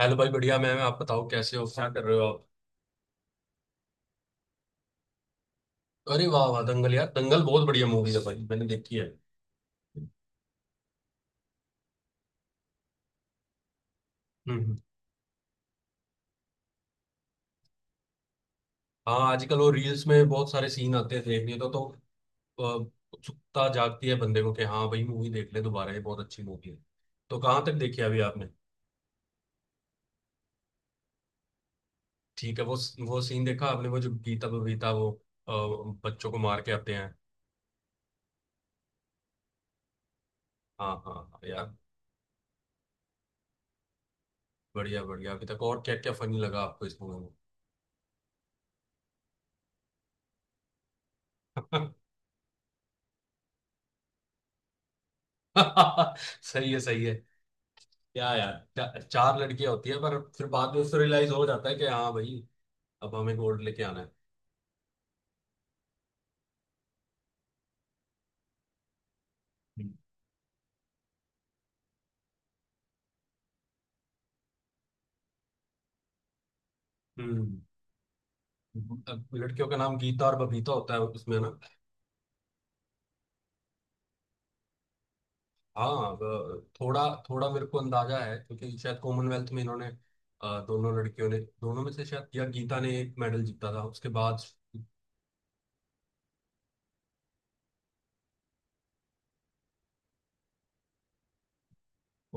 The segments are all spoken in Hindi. हेलो भाई, बढ़िया मैम। आप बताओ कैसे हो, क्या कर रहे हो आप। अरे वाह वाह, दंगल, यार दंगल बहुत बढ़िया मूवी है भाई, मैंने देखी है। हम्म हम्म। हाँ आजकल वो रील्स में बहुत सारे सीन आते हैं देखने तो अ, उत्सुकता जागती है बंदे को कि हाँ भाई मूवी देख ले दोबारा, ये बहुत अच्छी मूवी है। तो कहाँ तक देखी अभी आपने। ठीक है। वो सीन देखा आपने, वो जो गीता बबीता वो अ, बच्चों को मार के आते हैं। हाँ हाँ हाँ, यार बढ़िया बढ़िया। अभी तक और क्या क्या फनी लगा आपको इस मूवी में। सही है सही है। क्या यार, चार लड़कियां होती है, पर फिर बाद में उससे रियलाइज हो जाता है कि हाँ भाई अब हमें गोल्ड लेके आना है। हम्म। हम्म। अब लड़कियों का नाम गीता और बबीता होता है उसमें ना। हाँ, अब थोड़ा थोड़ा मेरे को अंदाजा है क्योंकि शायद कॉमनवेल्थ में इन्होंने दोनों लड़कियों ने, दोनों में से शायद या गीता ने एक मेडल जीता था उसके बाद।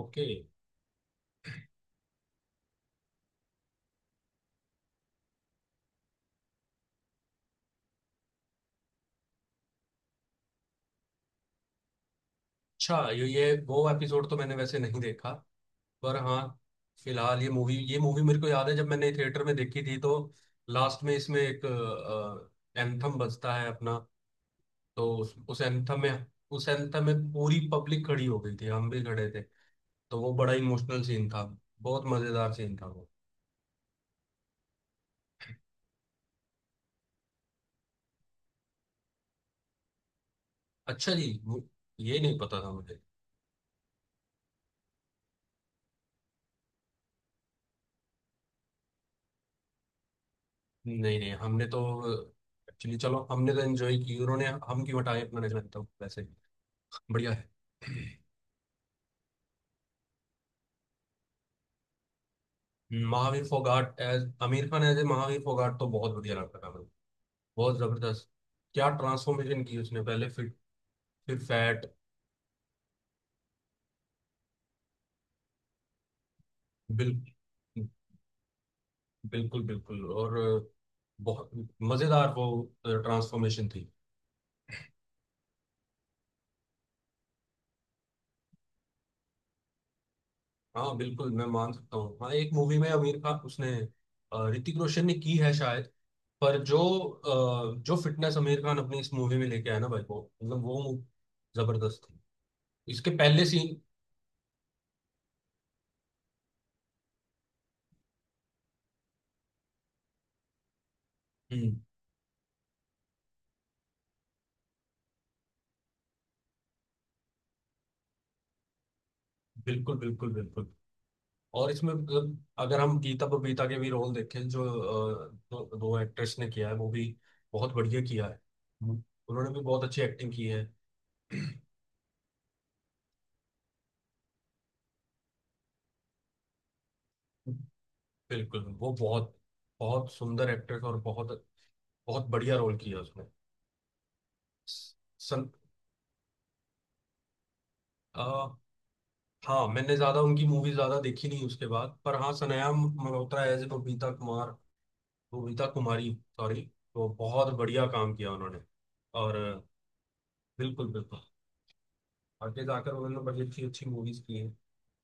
ओके। अच्छा, ये वो एपिसोड तो मैंने वैसे नहीं देखा, पर हाँ, फिलहाल ये मूवी मेरे को याद है, जब मैंने थिएटर में देखी थी तो लास्ट में इसमें एक एंथम बजता है अपना। तो उस एंथम में उस एंथम में पूरी पब्लिक खड़ी हो गई थी, हम भी खड़े थे। तो वो बड़ा इमोशनल सीन था, बहुत मजेदार सीन था वो। अच्छा जी। ये नहीं पता था मुझे। नहीं नहीं, हमने तो एक्चुअली, चलो हमने तो एंजॉय की। उन्होंने, हम क्यों हटाए अपना नजर तो वैसे बढ़िया है। Mahavir Phogat as Aamir Khan, as a Mahavir Phogat तो बहुत बढ़िया लगता था। बहुत जबरदस्त। क्या ट्रांसफॉर्मेशन की उसने, पहले फिट, फिर फैट। बिल बिल्कुल बिल्कुल, और बहुत मजेदार वो ट्रांसफॉर्मेशन थी। हाँ बिल्कुल, मैं मान सकता हूँ। हाँ, एक मूवी में आमिर खान, उसने, ऋतिक रोशन ने की है शायद, पर जो जो फिटनेस आमिर खान अपनी इस मूवी में लेके आया ना भाई, वो मतलब जबरदस्त थी। इसके पहले सीन। हम्म। बिल्कुल बिल्कुल बिल्कुल। और इसमें मतलब अगर हम गीता बबीता के भी रोल देखें, जो दो एक्ट्रेस ने किया है, वो भी बहुत बढ़िया किया है। हम्म। उन्होंने भी बहुत अच्छी एक्टिंग की है। बिल्कुल, वो बहुत बहुत सुंदर एक्ट्रेस, और बहुत बहुत बढ़िया रोल किया उसने। स- सन आ, हाँ मैंने ज्यादा उनकी मूवी ज्यादा देखी नहीं उसके बाद, पर हाँ सनाया मल्होत्रा एज बबीता कुमार, बबीता कुमारी, सॉरी। तो बहुत बढ़िया काम किया उन्होंने। और बिल्कुल बिल्कुल, आगे जाकर उन्होंने तो बड़ी अच्छी अच्छी मूवीज की हैं।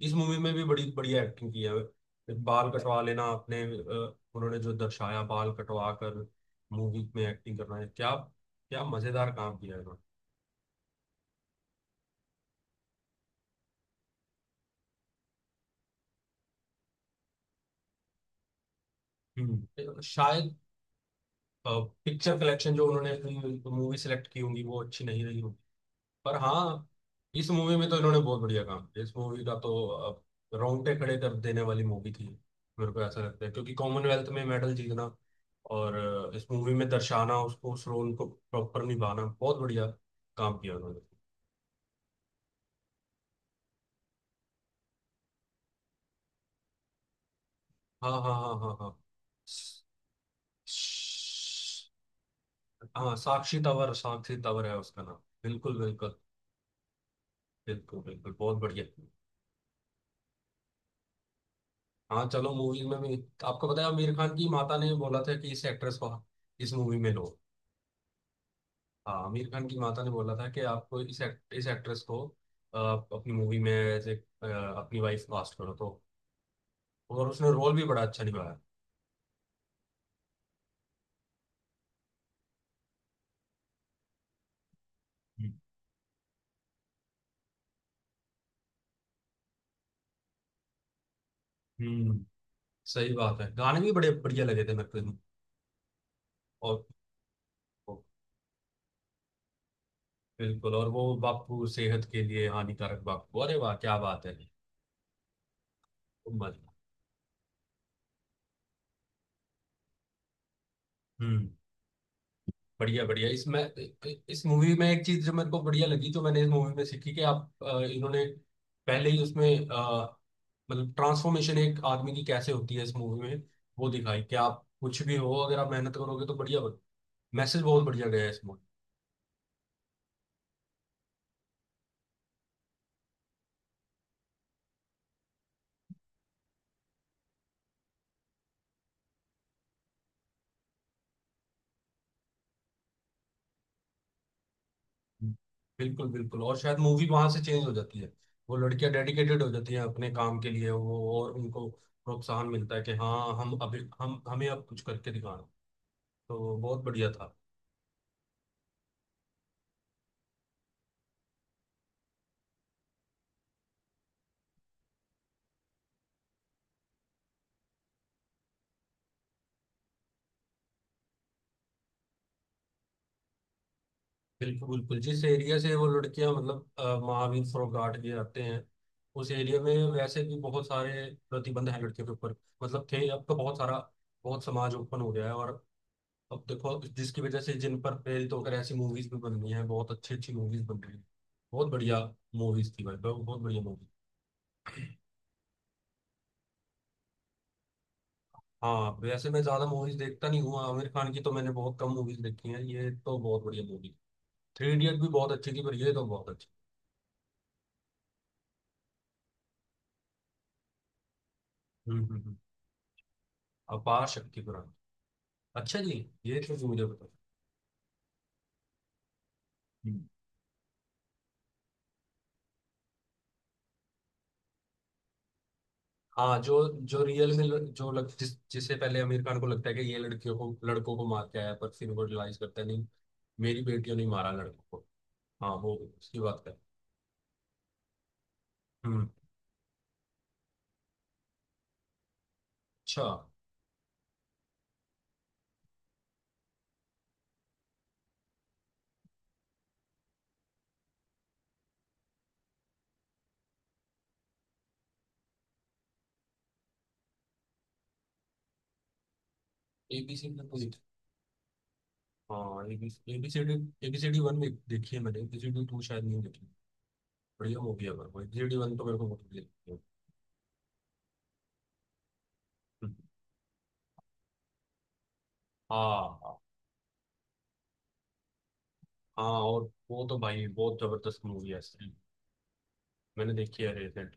इस मूवी में भी बड़ी बढ़िया एक्टिंग की है, बाल कटवा लेना, अपने उन्होंने जो दर्शाया बाल कटवा कर मूवी में एक्टिंग करना है, क्या क्या मजेदार काम किया है उन्होंने। हम्म। शायद पिक्चर कलेक्शन जो उन्होंने अपनी मूवी सेलेक्ट की होंगी वो अच्छी नहीं रही। पर हाँ, इस मूवी में तो इन्होंने बहुत बढ़िया काम किया। इस मूवी का तो अब रोंगटे खड़े कर देने वाली मूवी थी। मेरे को ऐसा लगता है क्योंकि कॉमनवेल्थ में मेडल जीतना और इस मूवी में दर्शाना, उसको, उस रोल को प्रॉपर निभाना, बहुत बढ़िया काम किया उन्होंने। हाँ हाँ हाँ हाँ हाँ। हाँ, साक्षी तंवर है उसका नाम, बिल्कुल बिल्कुल। बिल्कुल बिल्कुल, बहुत बढ़िया। हाँ चलो, मूवीज में भी। आपको पता है आमिर खान की माता ने बोला था कि इस एक्ट्रेस को इस मूवी में लो। हाँ आमिर खान की माता ने बोला था कि आपको इस एक्ट्रेस को आप अपनी मूवी में एज ए अपनी वाइफ कास्ट करो तो। और उसने रोल भी बड़ा अच्छा निभाया। हम्म, सही बात है। गाने भी बड़े बढ़िया लगे थे मेरे को इसमें। और और बिल्कुल, और वो बापू सेहत के लिए हानिकारक बापू, अरे वाह क्या बात है। उम्र। हम्म। बढ़िया बढ़िया। इसमें, इस मूवी में एक चीज जो मेरे को बढ़िया लगी, तो मैंने इस मूवी में सीखी कि आप, इन्होंने पहले ही उसमें मतलब ट्रांसफॉर्मेशन एक आदमी की कैसे होती है इस मूवी में वो दिखाई, कि आप कुछ भी हो अगर आप मेहनत करोगे तो बढ़िया। मैसेज बहुत बढ़िया गया है इस मूवी। बिल्कुल बिल्कुल, और शायद मूवी वहां से चेंज हो जाती है। वो लड़कियां डेडिकेटेड हो जाती हैं अपने काम के लिए, वो, और उनको प्रोत्साहन मिलता है कि हाँ हम, अभी हम हमें अब कुछ करके दिखाना, तो बहुत बढ़िया था। बिल्कुल बिल्कुल, जिस एरिया से वो लड़कियां, मतलब महावीर फोगाट के आते हैं, उस एरिया में वैसे भी बहुत सारे प्रतिबंध हैं लड़कियों के ऊपर। मतलब थे, अब तो बहुत सारा, बहुत समाज ओपन हो गया है। और अब देखो, जिसकी वजह से, जिन पर प्रेरित होकर ऐसी मूवीज भी बन रही हैं, बहुत अच्छी अच्छी मूवीज बन रही हैं। बहुत बढ़िया मूवीज थी भाई, बहुत बहुत बढ़िया मूवी। हाँ वैसे मैं ज्यादा मूवीज देखता नहीं हूँ आमिर खान की, तो मैंने बहुत कम मूवीज देखी हैं, ये तो बहुत बढ़िया मूवी। थ्री इडियट भी बहुत अच्छी थी, पर ये तो बहुत अच्छी। हम्म हम्म हम्म। अपार शक्ति। अच्छा जी, ये चीज मुझे पता। हम्म। हाँ जो, जो रियल में ल- जो लग, जिस, जिसे पहले आमिर खान को लगता है कि ये लड़कियों को, लड़कों को मार के आया, पर फिर वो रियलाइज करता है नहीं, मेरी बेटियों ने मारा लड़कों को। हाँ वो उसकी बात है। हम्म। अच्छा। एबीसीडी पूरी। हाँ एबीसीडी, एबीसीडी वन में देखी है मैंने, एबीसीडी टू शायद नहीं देखी। बढ़िया मूवी है, पर वो एबीसीडी वन तो मेरे को बहुत बढ़िया लगती है। हम्म। हाँ हाँ हाँ। और वो तो भाई बहुत जबरदस्त मूवी है, मैंने देखी है रिसेंट।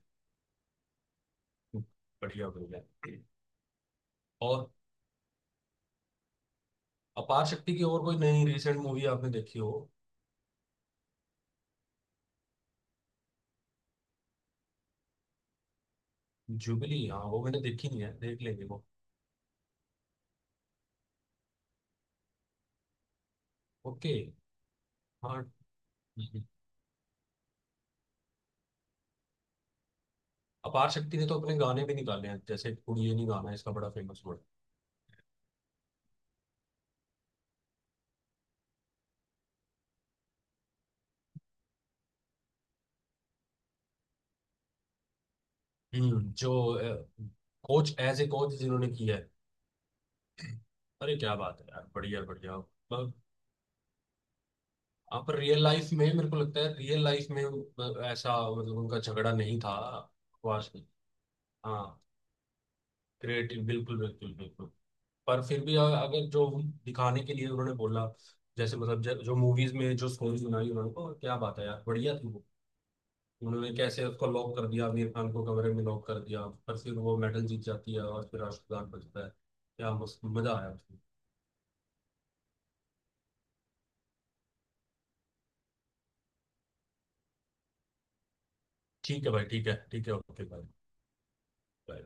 बढ़िया बढ़िया। और अपार शक्ति की और कोई नई रिसेंट मूवी आपने देखी हो। जुबली, हाँ वो मैंने देखी नहीं है, देख लेंगे वो। ओके। हाँ। हम्म। अपार शक्ति ने तो अपने गाने भी निकाले हैं, जैसे कुड़िये नी गाना है इसका, बड़ा फेमस हुआ। हम्म, जो कोच, एज ए कोच जिन्होंने किया है। अरे क्या बात है यार, बढ़िया बढ़िया, मतलब। आप रियल लाइफ में, मेरे को लगता है रियल लाइफ में ऐसा मतलब उनका झगड़ा नहीं था वास्तव में। हाँ क्रिएटिव, बिल्कुल बिल्कुल बिल्कुल। पर फिर भी अगर जो हम दिखाने के लिए उन्होंने बोला, जैसे मतलब जो मूवीज में जो स्टोरीज बनाई उन्होंने को, क्या बात है यार, बढ़िया थी वो। उन्होंने कैसे उसको लॉक कर दिया, आमिर खान को कमरे में लॉक कर दिया, पर फिर वो मेडल जीत जाती है और फिर राष्ट्रगान बजता है। क्या मस्त मजा आया उसमें। ठीक है भाई, ठीक है, ठीक है, ओके भाई। बाय।